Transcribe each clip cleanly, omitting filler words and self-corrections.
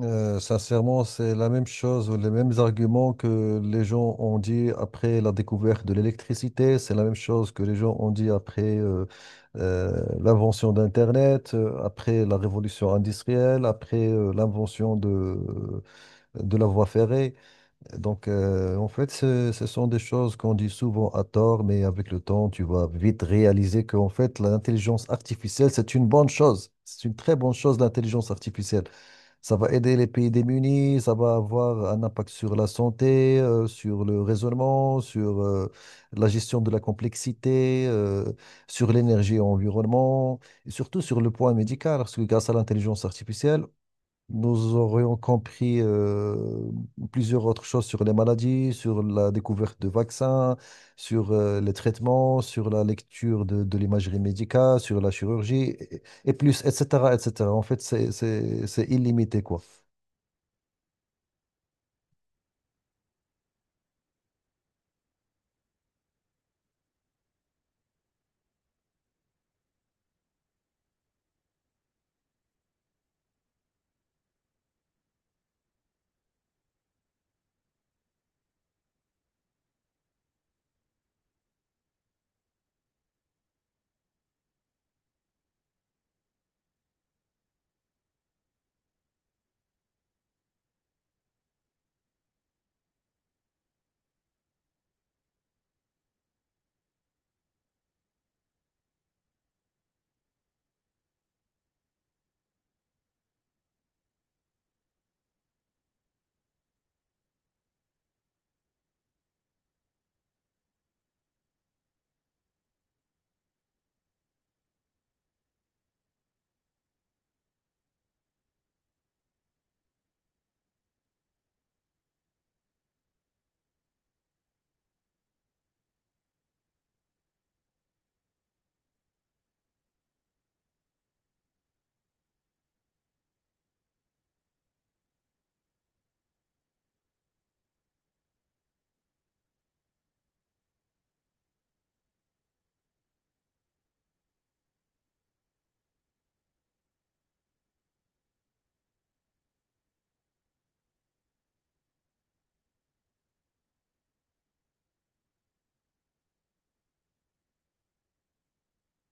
Sincèrement, c'est la même chose, les mêmes arguments que les gens ont dit après la découverte de l'électricité, c'est la même chose que les gens ont dit après euh, l'invention d'Internet, après la révolution industrielle, après l'invention de la voie ferrée. Donc, en fait, ce sont des choses qu'on dit souvent à tort, mais avec le temps, tu vas vite réaliser qu'en fait, l'intelligence artificielle, c'est une bonne chose. C'est une très bonne chose, l'intelligence artificielle. Ça va aider les pays démunis, ça va avoir un impact sur la santé, sur le raisonnement, sur la gestion de la complexité, sur l'énergie et l'environnement, et surtout sur le point médical, parce que grâce à l'intelligence artificielle, nous aurions compris plusieurs autres choses sur les maladies, sur la découverte de vaccins, sur les traitements, sur la lecture de l'imagerie médicale, sur la chirurgie, et plus, etc., etc. En fait, c'est illimité, quoi.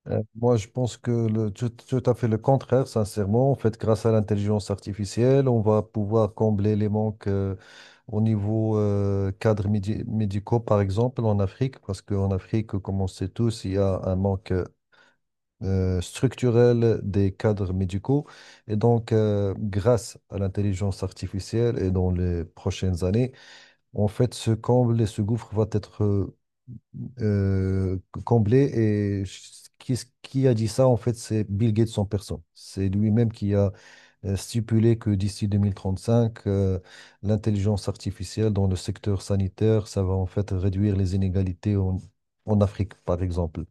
Moi, je pense que tout, tout à fait le contraire, sincèrement. En fait, grâce à l'intelligence artificielle, on va pouvoir combler les manques. Au niveau cadres médicaux, par exemple, en Afrique, parce qu'en Afrique, comme on sait tous, il y a un manque structurel des cadres médicaux. Et donc, grâce à l'intelligence artificielle et dans les prochaines années, en fait, ce comble et ce gouffre va être euh, comblé. Et ch- qui a dit ça, en fait, c'est Bill Gates en personne. C'est lui-même qui a stipulé que d'ici 2035, l'intelligence artificielle dans le secteur sanitaire, ça va en fait réduire les inégalités en, en Afrique, par exemple.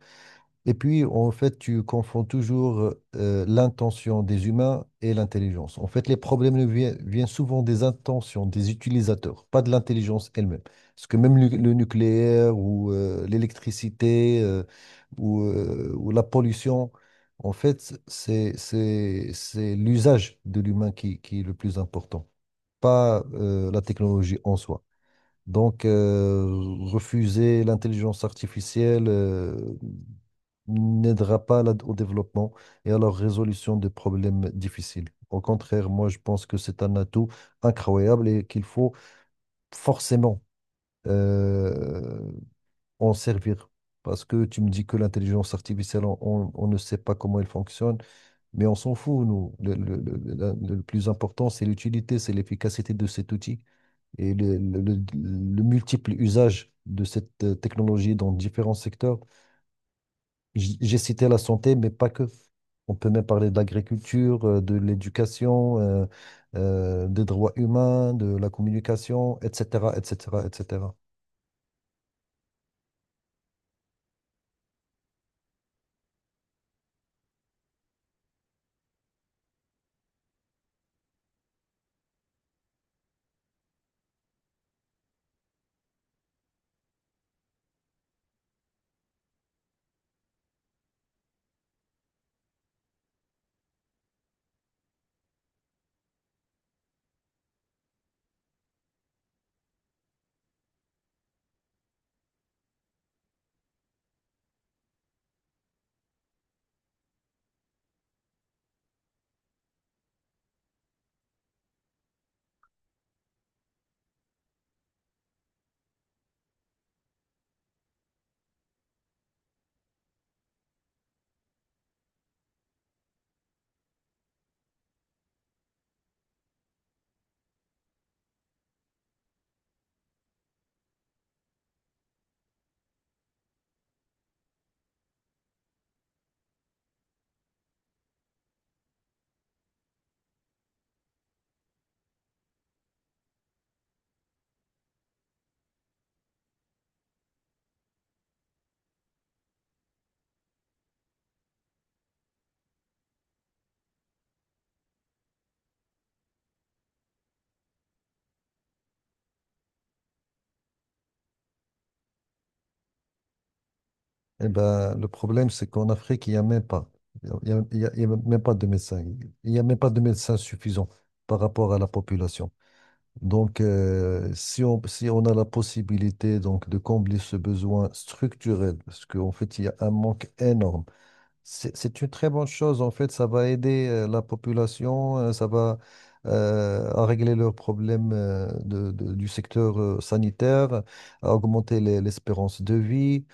Et puis, en fait, tu confonds toujours l'intention des humains et l'intelligence. En fait, les problèmes ne viennent souvent des intentions des utilisateurs, pas de l'intelligence elle-même. Parce que même le nucléaire ou l'électricité ou la pollution, en fait, c'est l'usage de l'humain qui est le plus important, pas la technologie en soi. Donc, refuser l'intelligence artificielle. N'aidera pas au développement et à la résolution des problèmes difficiles. Au contraire, moi, je pense que c'est un atout incroyable et qu'il faut forcément euh, en servir. Parce que tu me dis que l'intelligence artificielle, on ne sait pas comment elle fonctionne, mais on s'en fout, nous. Le plus important, c'est l'utilité, c'est l'efficacité de cet outil et le multiple usage de cette technologie dans différents secteurs. J'ai cité la santé, mais pas que. On peut même parler de l'agriculture, de l'éducation, des droits humains, de la communication, etc., etc., etc. Eh ben, le problème, c'est qu'en Afrique, il n'y a même pas, il y a même pas de médecins. Il n'y a même pas de médecins suffisants par rapport à la population. Donc, si on, si on a la possibilité donc de combler ce besoin structurel, parce qu'en fait, il y a un manque énorme. C'est une très bonne chose. En fait, ça va aider la population, ça va à régler leurs problèmes du secteur sanitaire, à augmenter l'espérance de vie.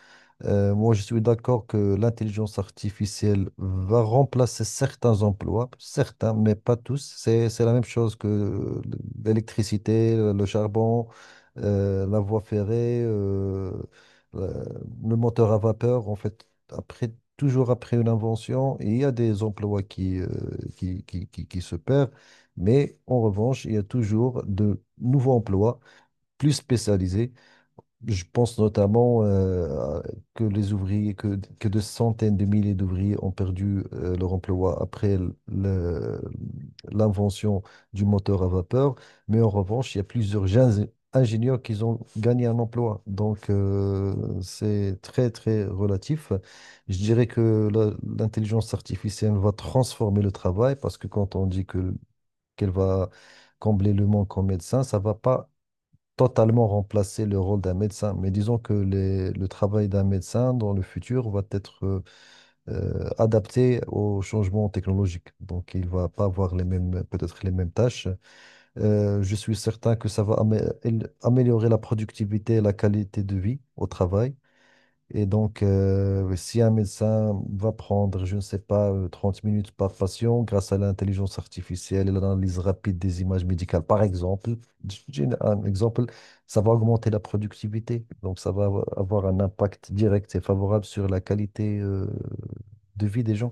Moi, je suis d'accord que l'intelligence artificielle va remplacer certains emplois, certains, mais pas tous. C'est la même chose que l'électricité, le charbon, la voie ferrée, la- le moteur à vapeur. En fait, après, toujours après une invention, il y a des emplois qui se perdent, mais en revanche, il y a toujours de nouveaux emplois plus spécialisés. Je pense notamment que les ouvriers, que des centaines de milliers d'ouvriers ont perdu leur emploi après l'invention du moteur à vapeur. Mais en revanche, il y a ingénieurs qui ont gagné un emploi. Donc, c'est très, très relatif. Je dirais que l'intelligence artificielle va transformer le travail parce que quand on dit qu'elle va combler le manque en médecins, ça va pas totalement remplacer le rôle d'un médecin. Mais disons que le travail d'un médecin dans le futur va être adapté aux changements technologiques. Donc, il va pas avoir les mêmes, peut-être les mêmes tâches. Je suis certain que ça va améliorer la productivité et la qualité de vie au travail. Et donc, si un médecin va prendre, je ne sais pas, 30 minutes par patient grâce à l'intelligence artificielle et l'analyse rapide des images médicales, par exemple, j'ai un exemple, ça va augmenter la productivité. Donc, ça va avoir un impact direct et favorable sur la qualité, de vie des gens.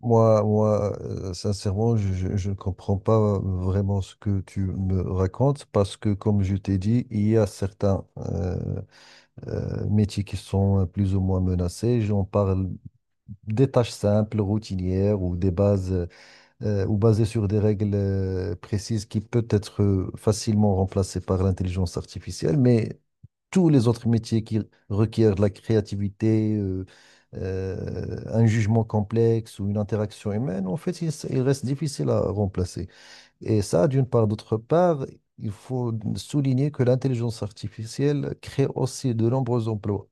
Moi, sincèrement, je ne comprends pas vraiment ce que tu me racontes parce que, comme je t'ai dit, il y a certains métiers qui sont plus ou moins menacés. J'en parle des tâches simples, routinières ou des bases ou basées sur des règles précises qui peut être facilement remplacées par l'intelligence artificielle, mais tous les autres métiers qui requièrent de la créativité, un jugement complexe ou une interaction humaine, en fait, ils restent difficiles à remplacer. Et ça, d'une part. D'autre part, il faut souligner que l'intelligence artificielle crée aussi de nombreux emplois.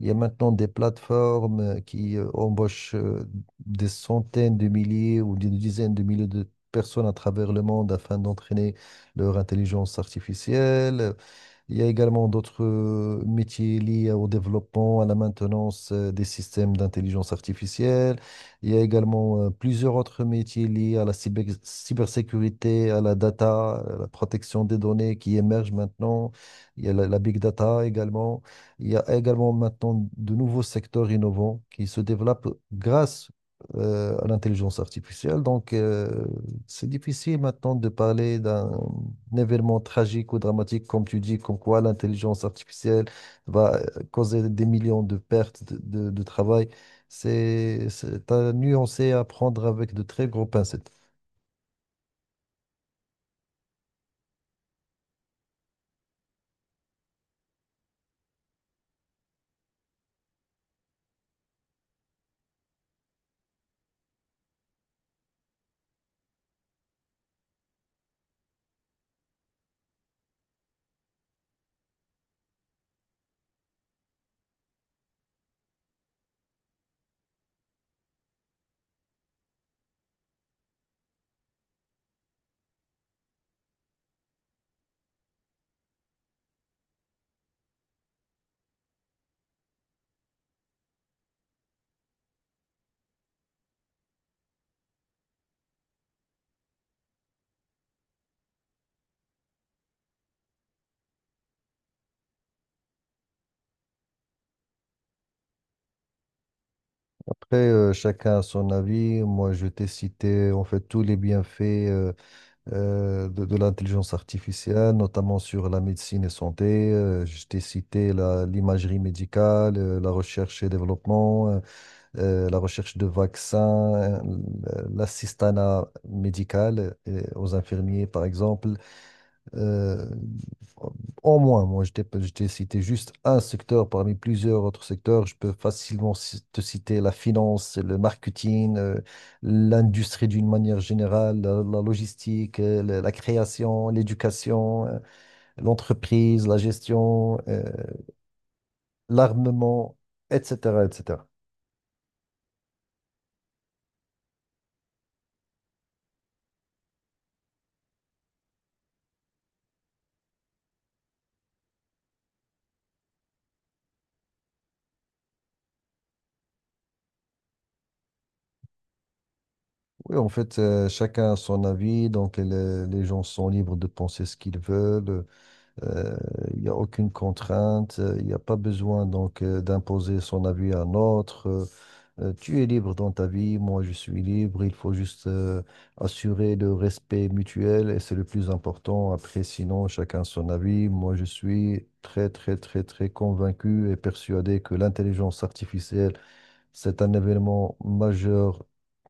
Il y a maintenant des plateformes qui embauchent des centaines de milliers ou des dizaines de milliers de personnes à travers le monde afin d'entraîner leur intelligence artificielle. Il y a également d'autres métiers liés au développement, à la maintenance des systèmes d'intelligence artificielle. Il y a également plusieurs autres métiers liés à la cybersécurité, à la data, à la protection des données qui émergent maintenant. Il y a la big data également. Il y a également maintenant de nouveaux secteurs innovants qui se développent grâce à l'intelligence artificielle. Donc, c'est difficile maintenant de parler d'un un événement tragique ou dramatique, comme tu dis, comme quoi l'intelligence artificielle va causer des millions de pertes de travail, c'est à nuancer, à prendre avec de très gros pincettes. Après, chacun a son avis. Moi, je t'ai cité en fait tous les bienfaits euh, de l'intelligence artificielle, notamment sur la médecine et santé. Je t'ai cité l'imagerie médicale, la recherche et développement, la recherche de vaccins, l'assistanat médical aux infirmiers, par exemple. Euh, Au moins, moi, je t'ai cité juste un secteur parmi plusieurs autres secteurs. Je peux facilement te citer la finance, le marketing, l'industrie d'une manière générale, la logistique, la création, l'éducation, l'entreprise, la gestion. L'armement, etc., etc. Oui, en fait, chacun a son avis, donc les gens sont libres de penser ce qu'ils veulent. euh, Il n'y a aucune contrainte, il n'y a pas besoin donc d'imposer son avis à un autre. Tu es libre dans ta vie, moi je suis libre, il faut juste assurer le respect mutuel et c'est le plus important. Après, sinon, chacun son avis. Moi je suis très, très, très, très convaincu et persuadé que l'intelligence artificielle, c'est un événement majeur,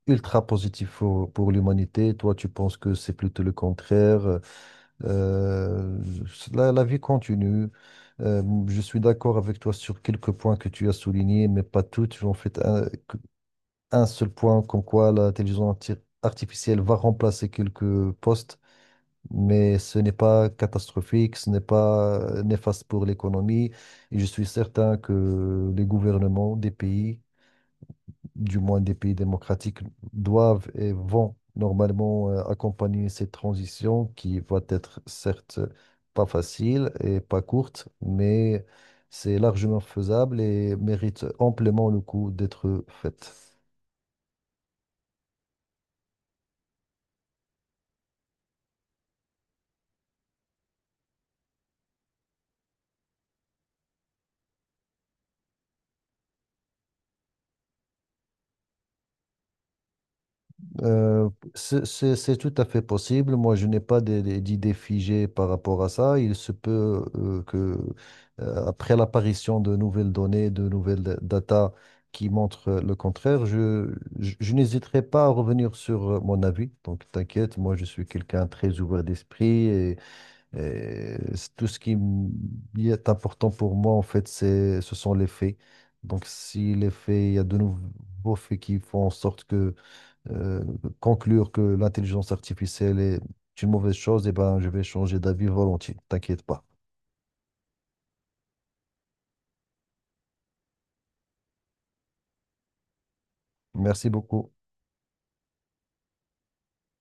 ultra positif pour l'humanité. Toi, tu penses que c'est plutôt le contraire. Euh, la vie continue. Euh, je suis d'accord avec toi sur quelques points que tu as soulignés, mais pas toutes. En fait, un seul point comme quoi la télévision artificielle va remplacer quelques postes, mais ce n'est pas catastrophique, ce n'est pas néfaste pour l'économie. Et je suis certain que les gouvernements des pays, du moins des pays démocratiques, doivent et vont normalement accompagner cette transition qui va être certes pas facile et pas courte, mais c'est largement faisable et mérite amplement le coup d'être faite. Euh, c'est tout à fait possible. Moi, je n'ai pas d'idée figée par rapport à ça. Il se peut après l'apparition de nouvelles données, de nouvelles data qui montrent le contraire, je n'hésiterai pas à revenir sur mon avis. Donc, t'inquiète, moi, je suis quelqu'un très ouvert d'esprit, et c'est tout ce qui y est important pour moi, en fait, ce sont les faits. Donc, si les faits, il y a de nouveaux faits qui font en sorte que euh, conclure que l'intelligence artificielle est une mauvaise chose, eh ben, je vais changer d'avis volontiers. T'inquiète pas. Merci beaucoup.